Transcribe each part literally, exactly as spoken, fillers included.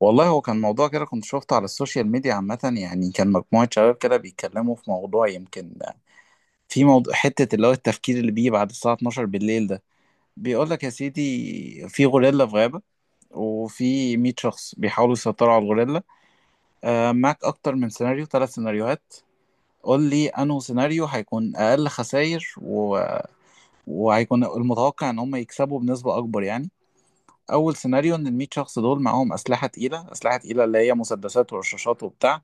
والله هو كان موضوع كده كنت شفته على السوشيال ميديا عامة، يعني كان مجموعة شباب كده بيتكلموا في موضوع، يمكن في موضوع حتة اللي هو التفكير اللي بيجي بعد الساعة اتناشر بالليل ده. بيقول لك يا سيدي في غوريلا في غابة، وفي مئة شخص بيحاولوا يسيطروا على الغوريلا. آه معاك أكتر من سيناريو، ثلاث سيناريوهات. قول لي أنه سيناريو هيكون أقل خسائر و... وهيكون المتوقع إن هم يكسبوا بنسبة أكبر يعني. أول سيناريو إن ال مية شخص دول معاهم أسلحة تقيلة، أسلحة تقيلة اللي هي مسدسات ورشاشات وبتاع،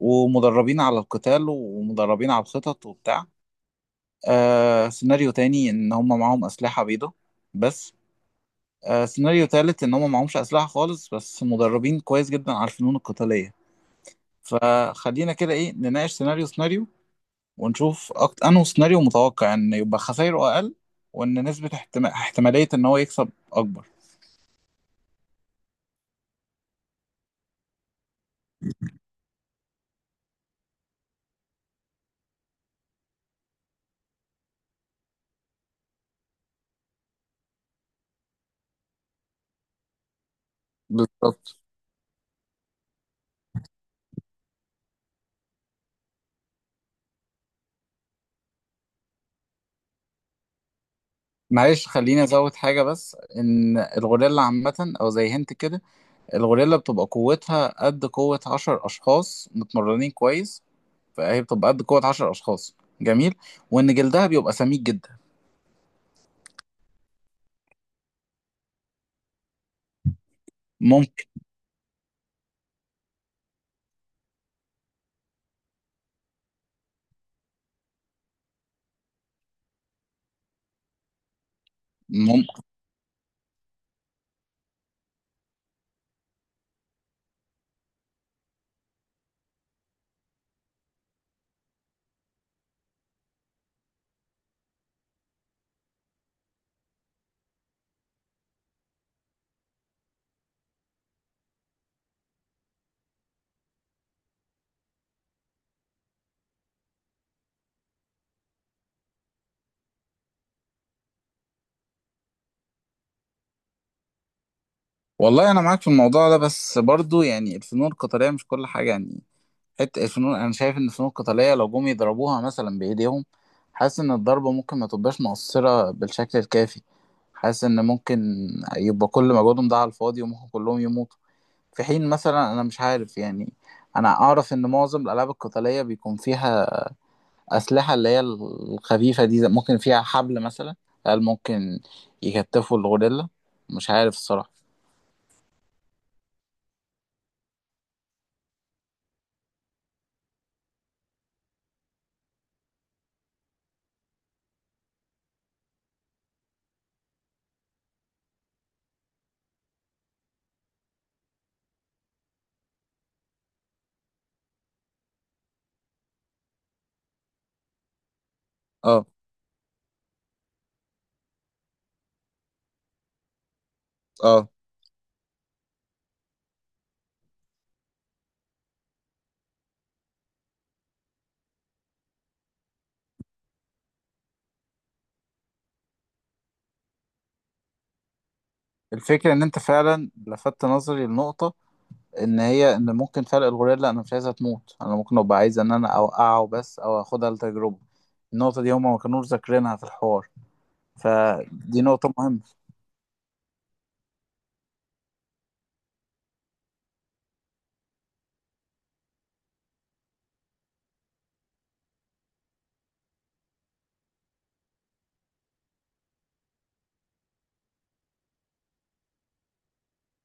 ومدربين على القتال ومدربين على الخطط وبتاع. آه سيناريو تاني ان هم معاهم اسلحة بيضة بس. آه سيناريو تالت ان هم معهمش اسلحة خالص بس مدربين كويس جدا على الفنون القتالية. فخلينا كده ايه نناقش سيناريو سيناريو، ونشوف أكت... انه سيناريو متوقع ان يبقى خسايره اقل، وان نسبة احتما... احتمالية ان هو يكسب اكبر. بالظبط. معلش خليني ازود حاجة، بس ان الغوريلا عامة او زي هنت كده، الغوريلا بتبقى قوتها قد قوة عشر أشخاص متمرنين كويس، فهي بتبقى قد قوة عشر أشخاص. جميل. وإن جلدها بيبقى سميك جدا. ممكن. ممكن. والله أنا معاك في الموضوع ده، بس برضو يعني الفنون القتالية مش كل حاجة يعني. حتة الفنون أنا شايف إن الفنون القتالية لو جم يضربوها مثلا بإيديهم، حاسس إن الضربة ممكن ما تبقاش مؤثرة بالشكل الكافي. حاسس إن ممكن يبقى كل مجهودهم ده على الفاضي وممكن كلهم يموتوا. في حين مثلا انا مش عارف يعني، انا اعرف ان معظم الالعاب القتاليه بيكون فيها اسلحه اللي هي الخفيفه دي، زي- ممكن فيها حبل مثلا. هل ممكن يكتفوا الغوريلا؟ مش عارف الصراحه. اه. اه. الفكره ان انت فعلا لفت نظري لنقطه، ان هي ان ممكن فرق الغوريلا انا مش عايزها تموت، انا ممكن ابقى عايز ان انا اوقعه بس او اخدها لتجربه. النقطه دي هما ما كانوش ذاكرينها في الحوار. فدي نقطه مهمه.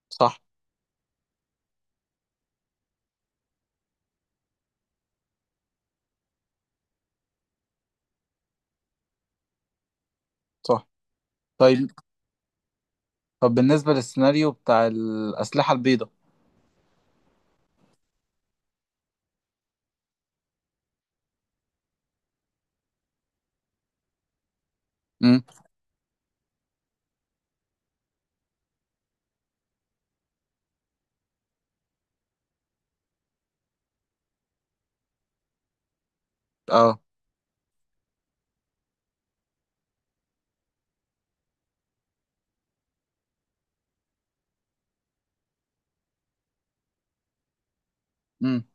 صح. صح. طيب. طب بالنسبة للسيناريو بتاع الأسلحة البيضاء. امم. اه. امم.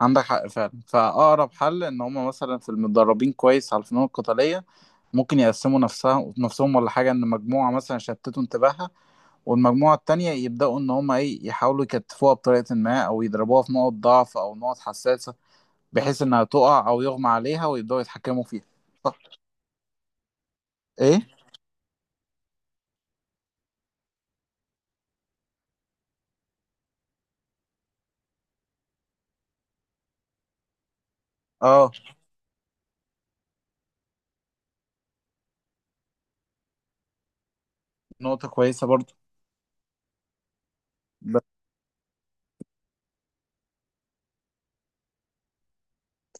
عندك حق فعلا، فأقرب حل إن هما مثلا في المتدربين كويس على الفنون القتالية، ممكن يقسموا نفسها نفسهم ولا حاجة، إن مجموعة مثلا شتتوا انتباهها، والمجموعة التانية يبدأوا إن هما إيه يحاولوا يكتفوها بطريقة ما، أو يضربوها في نقط ضعف أو نقط حساسة، بحيث إنها تقع أو يغمى عليها ويبدأوا يتحكموا فيها. صح. إيه؟ اه. نقطة كويسة برضو. بس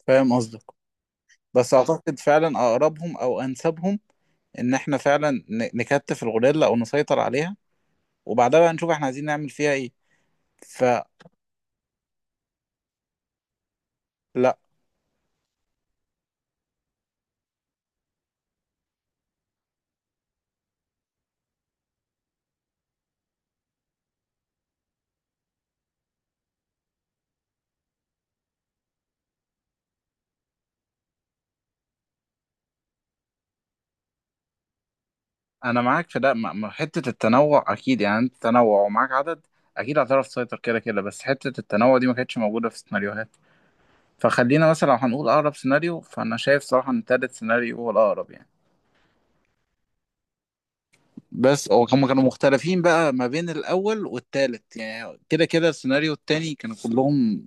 فاهم قصدك. بس أعتقد فعلا أقربهم أو أنسبهم ان احنا فعلا ن- نكتف الغوريلا او نسيطر عليها، وبعدها بقى نشوف احنا عايزين نعمل فيها ايه. فلا. انا معاك في ده، م- م- حتة التنوع اكيد يعني، انت تنوع ومعاك عدد اكيد هتعرف تسيطر كده كده، بس حتة التنوع دي ما كانتش موجودة في السيناريوهات. فخلينا مثلا لو هنقول اقرب سيناريو، فانا شايف صراحة ان تالت سيناريو هو الاقرب يعني. بس هو هم كانوا مختلفين بقى ما بين الاول والتالت، يعني كده كده السيناريو التاني كانوا كلهم،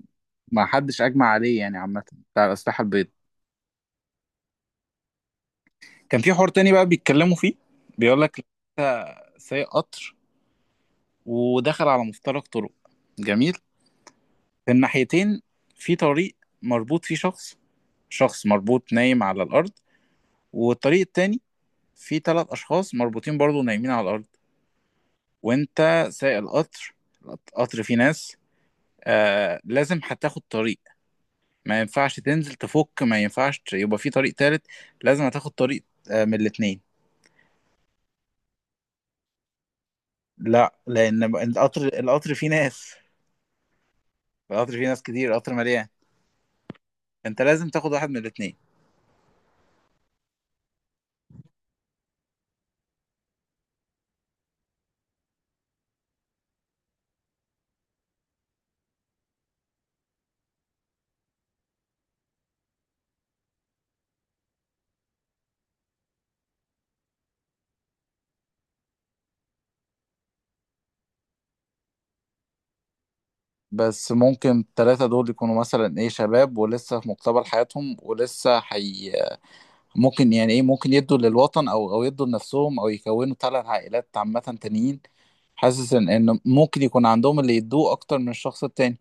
ما حدش اجمع عليه يعني عامة، بتاع الاسلحة البيضاء. كان في حوار تاني بقى بيتكلموا فيه، بيقول لك سايق قطر ودخل على مفترق طرق. جميل. في الناحيتين، في طريق مربوط فيه شخص، شخص مربوط نايم على الأرض، والطريق التاني فيه تلات أشخاص مربوطين برضو نايمين على الأرض. وأنت سايق القطر، القطر فيه ناس. آه لازم هتاخد طريق. ما ينفعش تنزل تفك، ما ينفعش يبقى في طريق تالت. لازم هتاخد طريق. آه من الاتنين. لا، لأن القطر القطر فيه ناس. القطر فيه ناس كتير، قطر مليان. انت لازم تاخد واحد من الاتنين. بس ممكن التلاتة دول يكونوا مثلا ايه شباب ولسه في مقتبل حياتهم ولسه حي... ممكن يعني ايه، ممكن يدوا للوطن او او يدوا لنفسهم، او يكونوا تلات عائلات عامة تانيين. حاسس ان ان ممكن يكون عندهم اللي يدوه اكتر من الشخص التاني.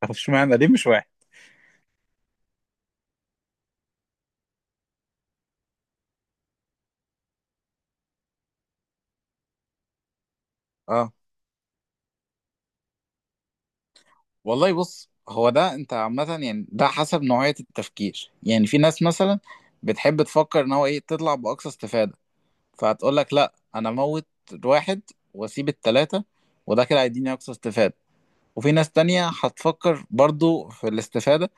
طب اشمعنى ليه مش واحد؟ اه. والله بص، هو ده انت عامة يعني ده حسب نوعية التفكير، يعني في ناس مثلا بتحب تفكر ان هو ايه تطلع باقصى استفادة، فهتقول لك لا انا موت واحد واسيب التلاتة، وده كده هيديني اقصى استفادة. وفي ناس تانية هتفكر برضو في الاستفادة،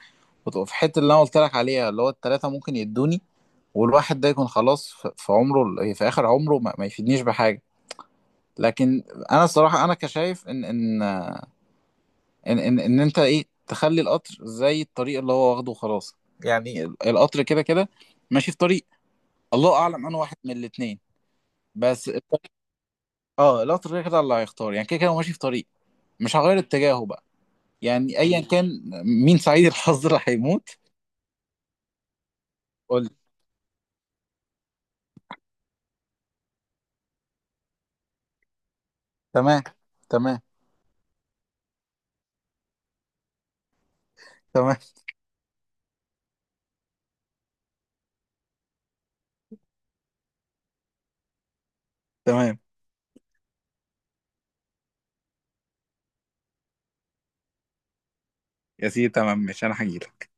وتبقى في حتة اللي انا قلت لك عليها اللي هو التلاتة ممكن يدوني، والواحد ده يكون خلاص في في عمره ال- في اخر عمره ما ما يفيدنيش بحاجة. لكن انا الصراحة انا كشايف ان ان ان ان, إن انت ايه تخلي القطر زي الطريق اللي هو واخده وخلاص. يعني القطر كده كده ماشي في طريق. الله اعلم، انا واحد من الاتنين. بس اه لا، كده كده اللي هيختار يعني كده كده هو ماشي في طريق، مش هغير اتجاهه بقى. يعني ايا كان مين سعيد الحظ اللي هيموت. قول لي. تمام. تمام. تمام. تمام. يا سيدي تمام، مش انا هجيلك.